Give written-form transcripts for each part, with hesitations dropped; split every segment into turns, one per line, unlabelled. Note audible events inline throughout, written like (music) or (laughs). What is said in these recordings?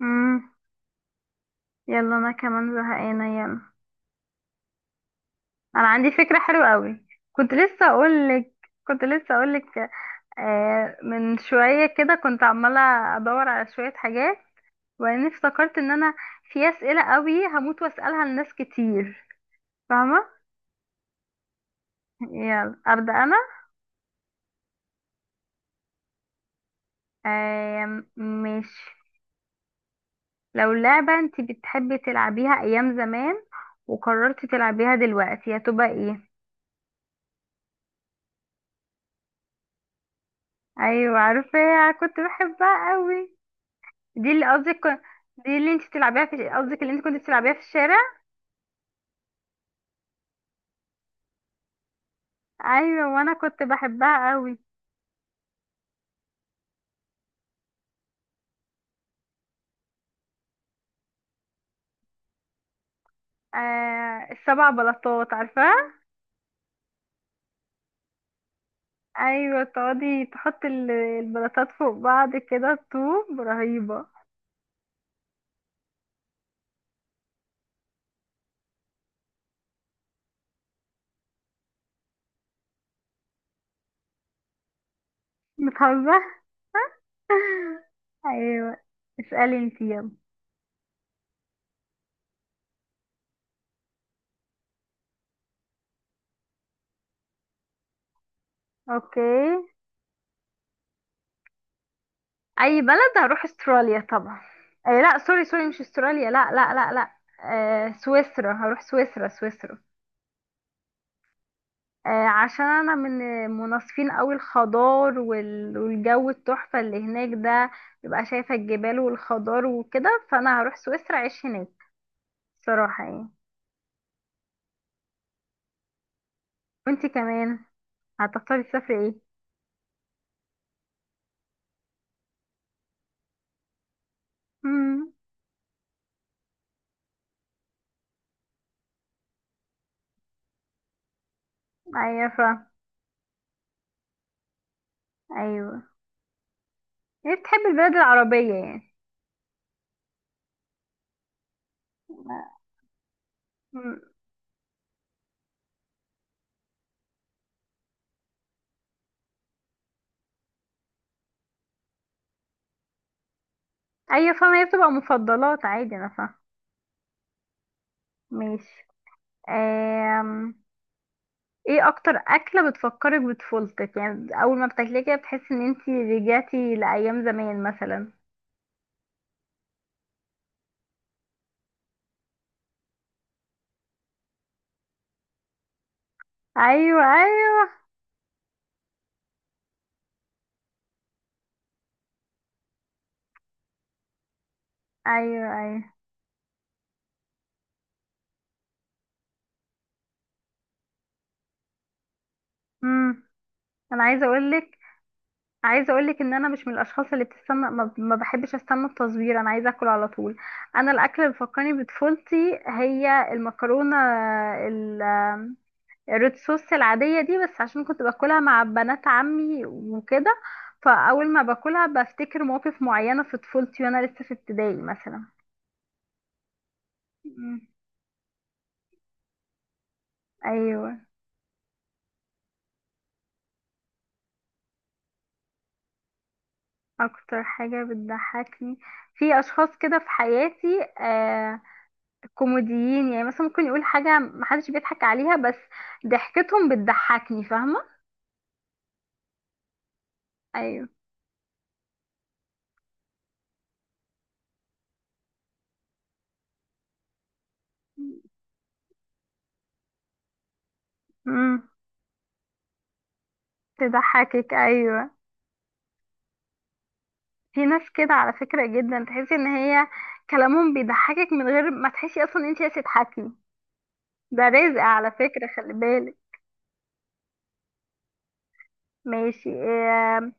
امم يلا انا كمان زهقانه. يلا انا عندي فكره حلوه قوي. كنت لسه اقول لك كنت لسه اقول لك. من شويه كده كنت عماله ادور على شويه حاجات، وبعدين افتكرت ان انا في اسئله قوي هموت واسالها لناس كتير، فاهمه؟ يلا ابدا انا. ماشي، لو لعبه انت بتحبي تلعبيها ايام زمان وقررتي تلعبيها دلوقتي هتبقى ايه؟ ايوه عارفه، كنت بحبها قوي. دي اللي قصدك كن- دي اللي انت بتلعبيها في قصدك، اللي انت كنت بتلعبيها في الشارع؟ ايوه وانا كنت بحبها قوي. السبع بلاطات عارفاها؟ ايوه تقعدي تحطي البلاطات فوق بعض كده، طوب رهيبه. بتهزر؟ (laughs) ايوه، اسالي انت يلا. اوكي، اي بلد؟ هروح استراليا طبعا. لا سوري سوري، مش استراليا، لا لا لا لا. سويسرا، هروح سويسرا سويسرا. عشان انا من مناصفين قوي الخضار والجو التحفة اللي هناك ده، ببقى شايفة الجبال والخضار وكده، فانا هروح سويسرا اعيش هناك صراحة يعني. وانتي كمان هتختاري تسافري ايه؟ امم ايوه فا. ايوه هي بتحب البلاد العربية يعني؟ مم. ايوه فاهمة، هي بتبقى مفضلات عادي، انا فاهمة. ماشي. آم، ايه اكتر اكلة بتفكرك بطفولتك يعني، اول ما بتاكليها كده بتحسي ان انتي رجعتي لايام زمان مثلا؟ ايوه ايوه. ايوه ايوه. امم. انا عايزه اقول لك، عايزه اقول لك ان انا مش من الاشخاص اللي بتستنى، ما بحبش استنى التصوير، انا عايزه اكل على طول. انا الاكل اللي بيفكرني بطفولتي هي المكرونه، ال- الريد صوص العاديه دي، بس عشان كنت باكلها مع بنات عمي وكده، فاول ما باكلها بفتكر مواقف معينه في طفولتي وانا لسه في ابتدائي مثلا. مم. ايوه. اكتر حاجه بتضحكني، في اشخاص كده في حياتي، كوميديين، يعني مثلا ممكن يقول حاجة محدش بيضحك عليها، بس ضحكتهم بتضحكني، فاهمة؟ ايوه. امم. تضحكك، ايوه. في ناس كده على فكرة جدا، تحسي ان هي كلامهم بيضحكك من غير ما تحسي اصلا ان انت عايزة تضحكي. ده رزق على فكرة، خلي بالك. ماشي، إيه؟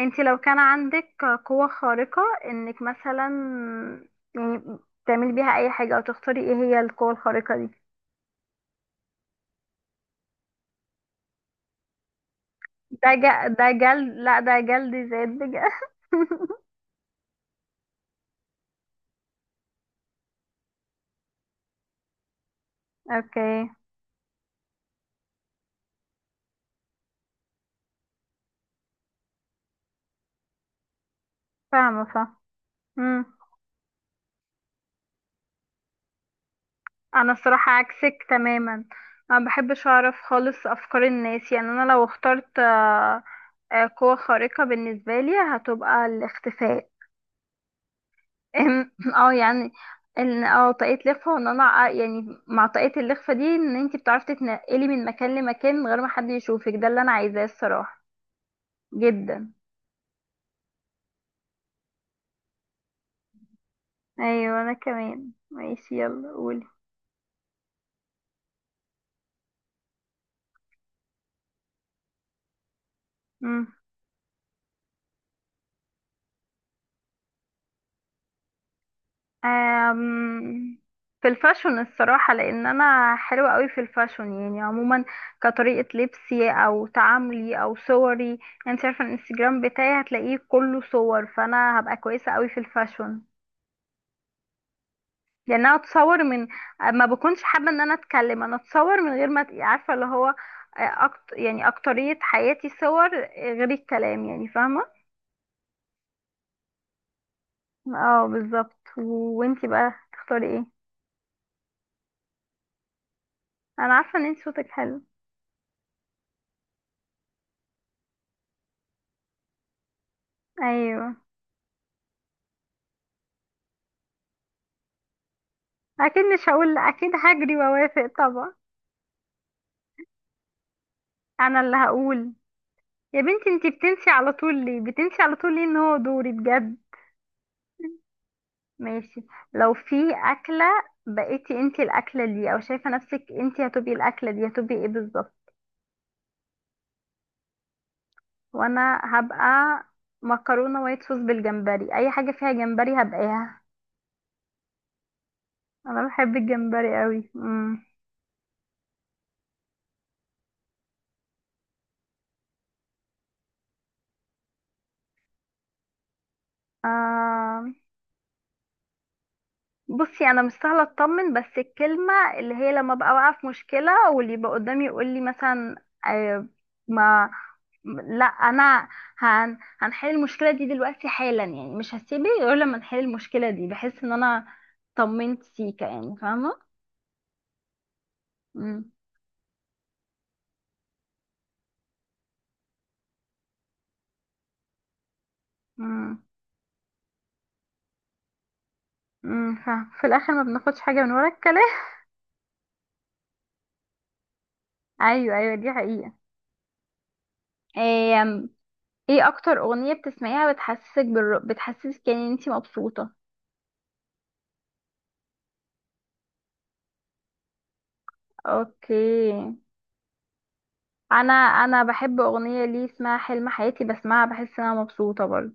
انت لو كان عندك قوة خارقة انك مثلا يعني تعملي بيها اي حاجة، او تختاري ايه هي القوة الخارقة دي؟ ده ج... ده جلد، لا ده جلد زاد بجد. (laughs) اوكي. فاهمة فاهمة. مم. انا الصراحة عكسك تماما، انا مبحبش اعرف خالص افكار الناس، يعني انا لو اخترت قوة خارقة بالنسبة لي هتبقى الاختفاء. (laughs) (clears throat) اه يعني ان اه طاقية لخفة، وان انا يعني مع طاقية اللخفة دي، ان انتي بتعرفي تتنقلي من مكان لمكان من غير ما حد يشوفك، ده اللي انا عايزاه الصراحة. جدا. ايوه انا كمان، ماشي يلا قولي. مم. أم، في الفاشون الصراحة، لأن أنا حلوة قوي في الفاشون يعني عموما، كطريقة لبسي أو تعاملي أو صوري يعني. أنت عارفة الانستجرام بتاعي هتلاقيه كله صور، فأنا هبقى كويسة قوي في الفاشون. لأن أنا أتصور من، ما بكونش حابة إن أنا أتكلم، أنا أتصور من غير ما عارفة اللي هو يعني أكترية حياتي صور، غير الكلام يعني، فاهمة؟ اه بالظبط وانتي بقى تختاري ايه؟ أنا عارفة إن انتي صوتك حلو. أيوه. اكيد مش هقول لأ، اكيد هجري واوافق طبعا. انا اللي هقول، يا بنتي انتي بتنسي على طول ليه، بتنسي على طول ليه ان هو دوري بجد. ماشي. لو في اكله بقيتي انتي الاكله دي، او شايفه نفسك انتي هتبقي الاكله دي، هتبقي ايه بالظبط؟ وانا هبقى مكرونه وايت صوص بالجمبري، اي حاجه فيها جمبري هبقاها. انا بحب الجمبري قوي. امم. بصي انا مش سهله اطمن، بس الكلمه اللي هي لما ببقى واقعه في مشكله، واللي يبقى قدامي يقول لي مثلا ما، لا انا هنحل المشكله دي دلوقتي حالا، يعني مش هسيبه غير لما نحل المشكله دي، بحس ان انا طمنت سيكا يعني، فاهمه؟ امم. امم. فاهمة. في الاخر ما بناخدش حاجه من ورا الكلام. (laughs) ايوه ايوه دي حقيقه. ايه؟ ايه اكتر اغنيه بتسمعيها بتحسسك يعني ان انتي مبسوطه؟ اوكي. انا انا بحب اغنيه ليه اسمها حلم حياتي، بسمعها بحس ان انا مبسوطه برضه.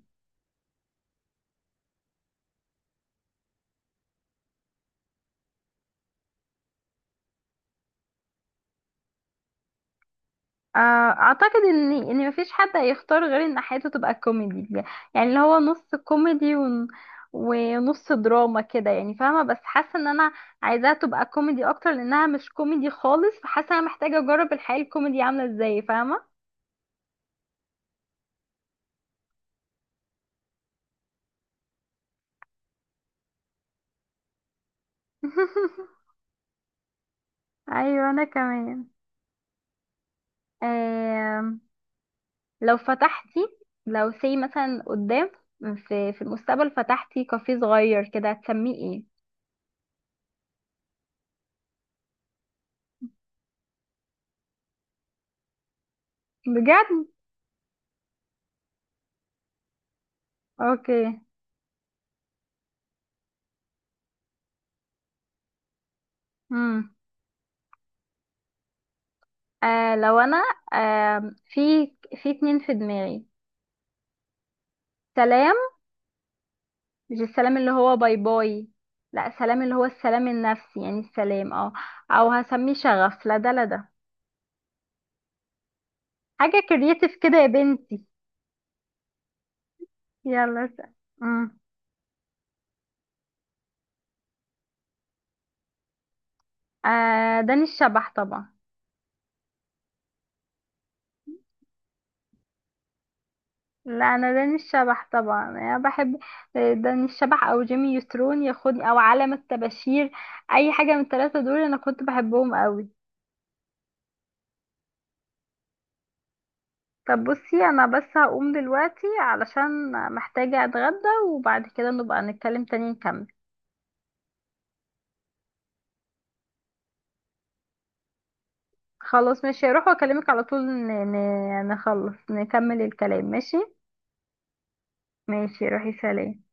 آه، اعتقد ان ان مفيش حد هيختار غير ان حياته تبقى كوميدي، يعني اللي هو نص كوميدي ونص دراما كده يعني، فاهمه؟ بس حاسه ان انا عايزاها تبقى كوميدي اكتر، لانها مش كوميدي خالص، فحاسه انا محتاجه اجرب الحياه الكوميدي عامله ازاي، فاهمه؟ (laughs) ايوه انا كمان. لو فتحتي، لو سي مثلا قدام، في في المستقبل، فتحتي كافيه صغير كده هتسميه ايه؟ بجد؟ اوكي. امم. لو انا، في في اتنين في دماغي. سلام، مش السلام اللي هو باي باي، لا سلام اللي هو السلام النفسي، يعني السلام، اه. او هسميه شغف، لا ده، لا ده حاجة كرياتيف كده يا بنتي. يلا س- امم. داني الشبح طبعا. لا انا داني الشبح طبعا، انا بحب داني الشبح او جيمي نيوترون ياخدني او عالم الطباشير، اي حاجه من الثلاثه دول انا كنت بحبهم قوي. طب بصي انا بس هقوم دلوقتي علشان محتاجه اتغدى، وبعد كده نبقى نتكلم تاني نكمل. خلاص ماشي، هروح واكلمك على طول، نخلص نكمل الكلام، ماشي؟ ماشي روحي، سلام.